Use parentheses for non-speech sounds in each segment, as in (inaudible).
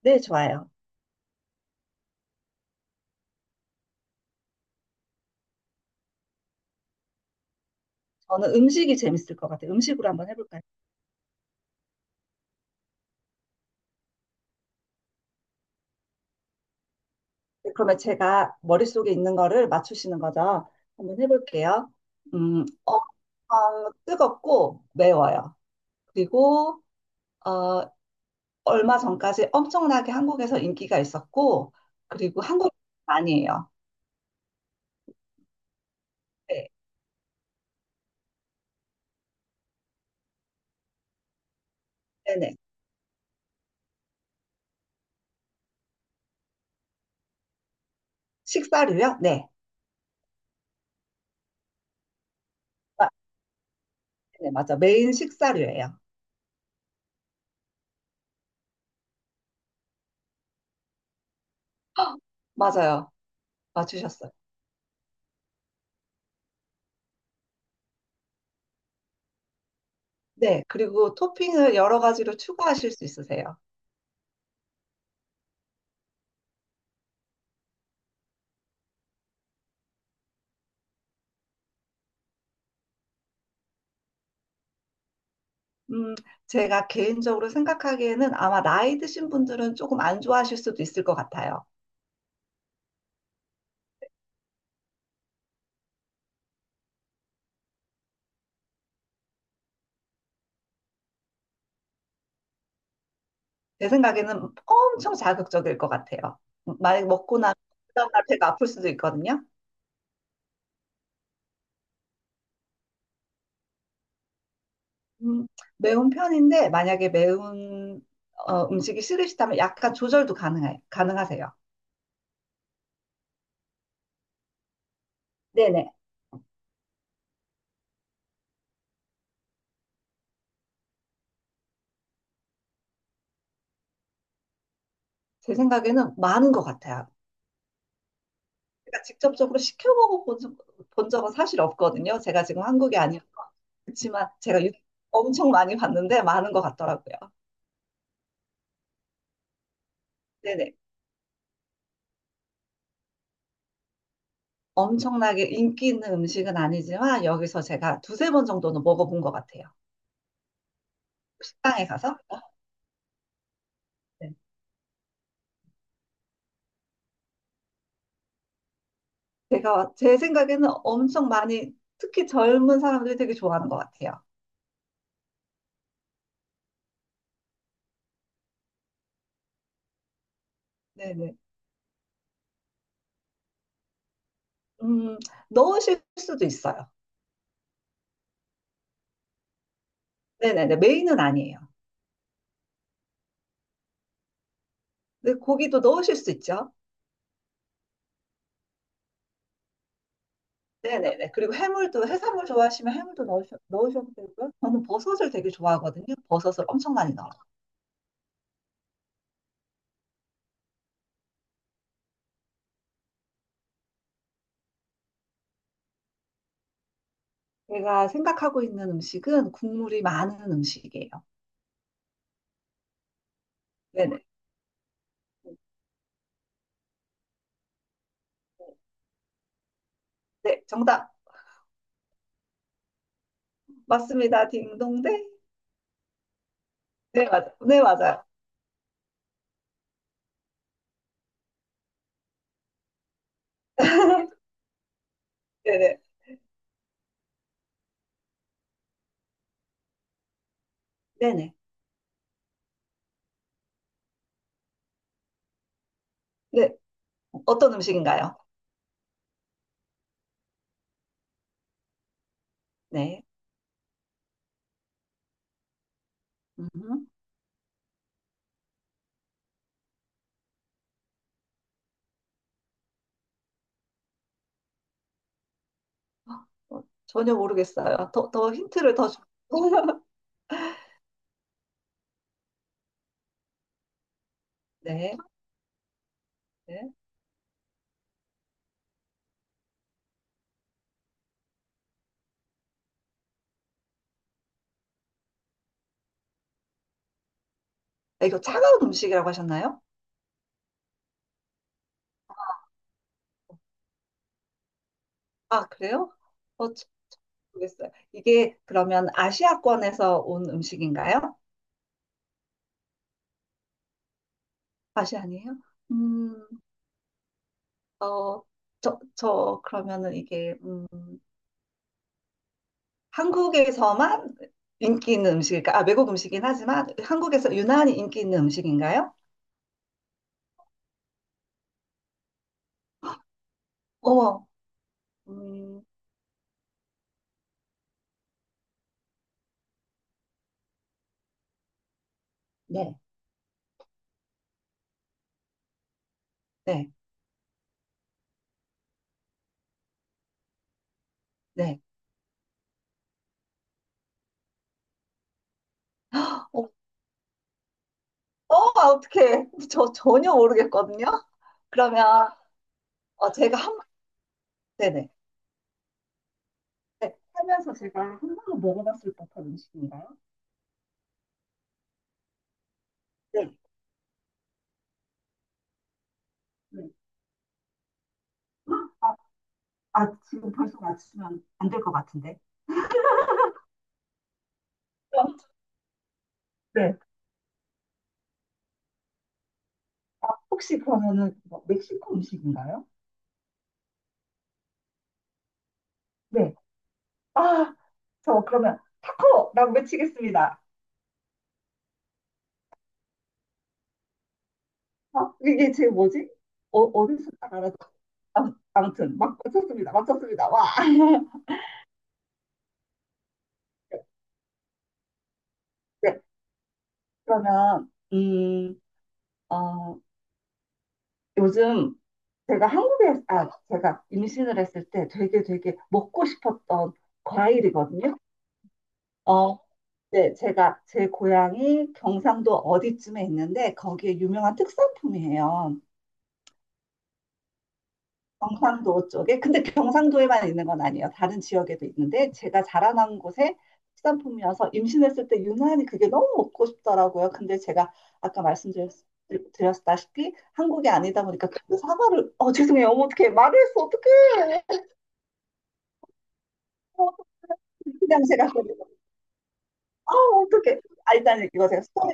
네, 좋아요. 저는 음식이 재밌을 것 같아요. 음식으로 한번 해볼까요? 네, 그러면 제가 머릿속에 있는 거를 맞추시는 거죠. 한번 해볼게요. 뜨겁고 매워요. 그리고 어, 얼마 전까지 엄청나게 한국에서 인기가 있었고, 그리고 한국 많이 해요. 네, 네네. 식사류요? 네. 아, 네, 맞아. 메인 식사류예요. (gasps) 헉, 맞아요. 맞추셨어요. 네, 그리고 토핑을 여러 가지로 추가하실 수 있으세요. 음, 제가 개인적으로 생각하기에는 아마 나이 드신 분들은 조금 안 좋아하실 수도 있을 것 같아요. 제 생각에는 엄청 자극적일 것 같아요. 만약에 먹고 나면 그 다음날 배가 아플 수도 있거든요. 음, 매운 편인데 만약에 매운 음식이 싫으시다면 약간 가능하세요. 네네. 제 생각에는 많은 것 같아요. 제가 직접적으로 시켜 먹어본 적- 본 적은 사실 없거든요. 제가 지금 한국에 아니어서. 그렇지만 제가 유- 엄청 많이 봤는데 많은 것 같더라고요. 네네. 엄청나게 인기 있는 음식은 아니지만 여기서 제가 두세 번 정도는 먹어본 것 같아요. 식당에 가서. 네. 제가 제 생각에는 엄청 많이 특히 젊은 사람들이 되게 좋아하는 것 같아요. 네네. 음, 넣으실 수도 있어요. 네네네. 메인은 아니에요. 근데 고기도 넣으실 수 있죠. 네네네. 그리고 해물도 해산물 좋아하시면 해물도 넣으셔도 되고요. 저는 버섯을 되게 좋아하거든요. 버섯을 엄청 많이 넣어요. 제가 생각하고 있는 음식은 국물이 많은 음식이에요. 네네. 네, 정답. 맞습니다. 딩동대. 네, 맞아. 네, 맞아요. (laughs) 네네. 네네. 네. 어떤 음식인가요? 네. 음. 어, 전혀 모르겠어요. 더, 더 힌트를 더 주... (laughs) 네. 네. 아, 이거 차가운 음식이라고 하셨나요? 아, 그래요? 어, 저- 모르겠어요. 이게 그러면 아시아권에서 온 음식인가요? 아시아니에요? 음, 어, 그러면은 이게 한국에서만 인기 있는 음식일까? 아, 외국 음식이긴 하지만 한국에서 유난히 인기 있는 음식인가요? 어, 음, 네. 네, 네. 어, 어, 아, 어떡해. 저 전혀 모르겠거든요. 그러면 제가 한, 번, 네네. 네, 하면서 제가 한 번도 먹어봤을 법한 음식인가요? 네. 네. 아, 아, 지금 벌써 맞추면 안 될 것 같은데. 네. 혹시 그러면은 뭐 멕시코 음식인가요? 네. 아, 저 그러면 타코라고 외치겠습니다. 아, 이게 제 뭐지? 어, 어디서 딱 알아서. 아, 아무튼, 막 맞췄습니다. 맞췄습니다. 와. (laughs) 네, 그러면, 어, 요즘 아, 제가 임신을 했을 때 되게 먹고 싶었던 과일이거든요. 어, 네, 제가 제 고향이 경상도 어디쯤에 있는데 거기에 유명한 특산품이에요. 경상도 쪽에. 근데 경상도에만 있는 건 아니에요. 다른 지역에도 있는데 제가 자라난 곳에 특산품이어서 임신했을 때 유난히 그게 너무 먹고 싶더라고요. 근데 제가 아까 말씀드렸다시피 한국이 아니다 보니까 그 사과를 어 죄송해요. 어머 어떡해. 말을 했어. 어떡해. 어, 그냥 제가 갔거아 어떡해. 아 일단 이거 제가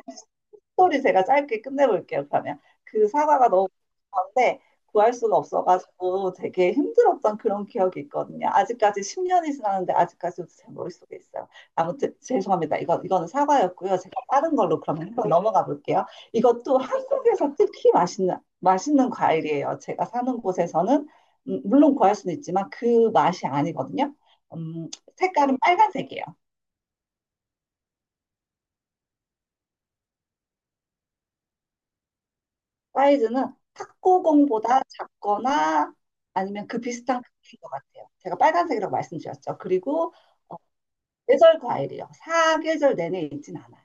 스토리 제가 짧게 끝내볼게요, 그러면. 그 사과가 너무 한데 구할 수가 없어가지고 되게 힘들었던 그런 기억이 있거든요. 아직까지 10년이 지났는데 아직까지도 제 머릿속에 있어요. 아무튼 죄송합니다. 이거는 사과였고요. 제가 다른 걸로 그러면 한번 넘어가 볼게요. 이것도 한국에서 특히 맛있는 과일이에요. 제가 사는 곳에서는 물론 구할 수는 있지만 그 맛이 아니거든요. 음, 색깔은 빨간색이에요. 사이즈는 탁구공보다 작거나 아니면 그 비슷한 크기인 것 같아요. 제가 빨간색이라고 말씀드렸죠. 그리고 계절 과일이요. 사계절 내내 있진 않아요.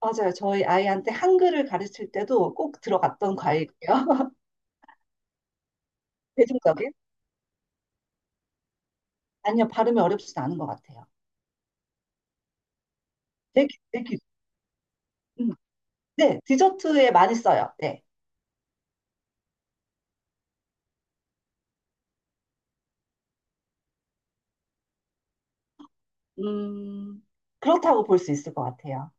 맞아요. 저희 아이한테 한글을 가르칠 때도 꼭 들어갔던 과일이에요. (laughs) 대중적인? 아니요. 발음이 어렵지도 않은 것 같아요. 되게, 되게, 음. 네, 디저트에 많이 써요. 네. 음, 그렇다고 볼 수 있을 것 같아요.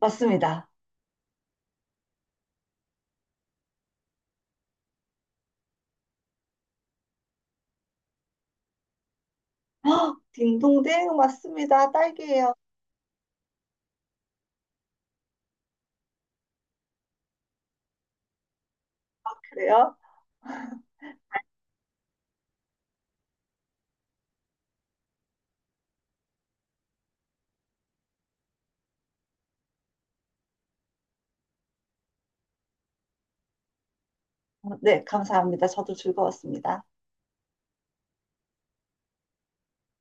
맞습니다. 헉, 딩동댕 맞습니다. 딸기예요. 그래요? 어, 네, 감사합니다. 저도 즐거웠습니다.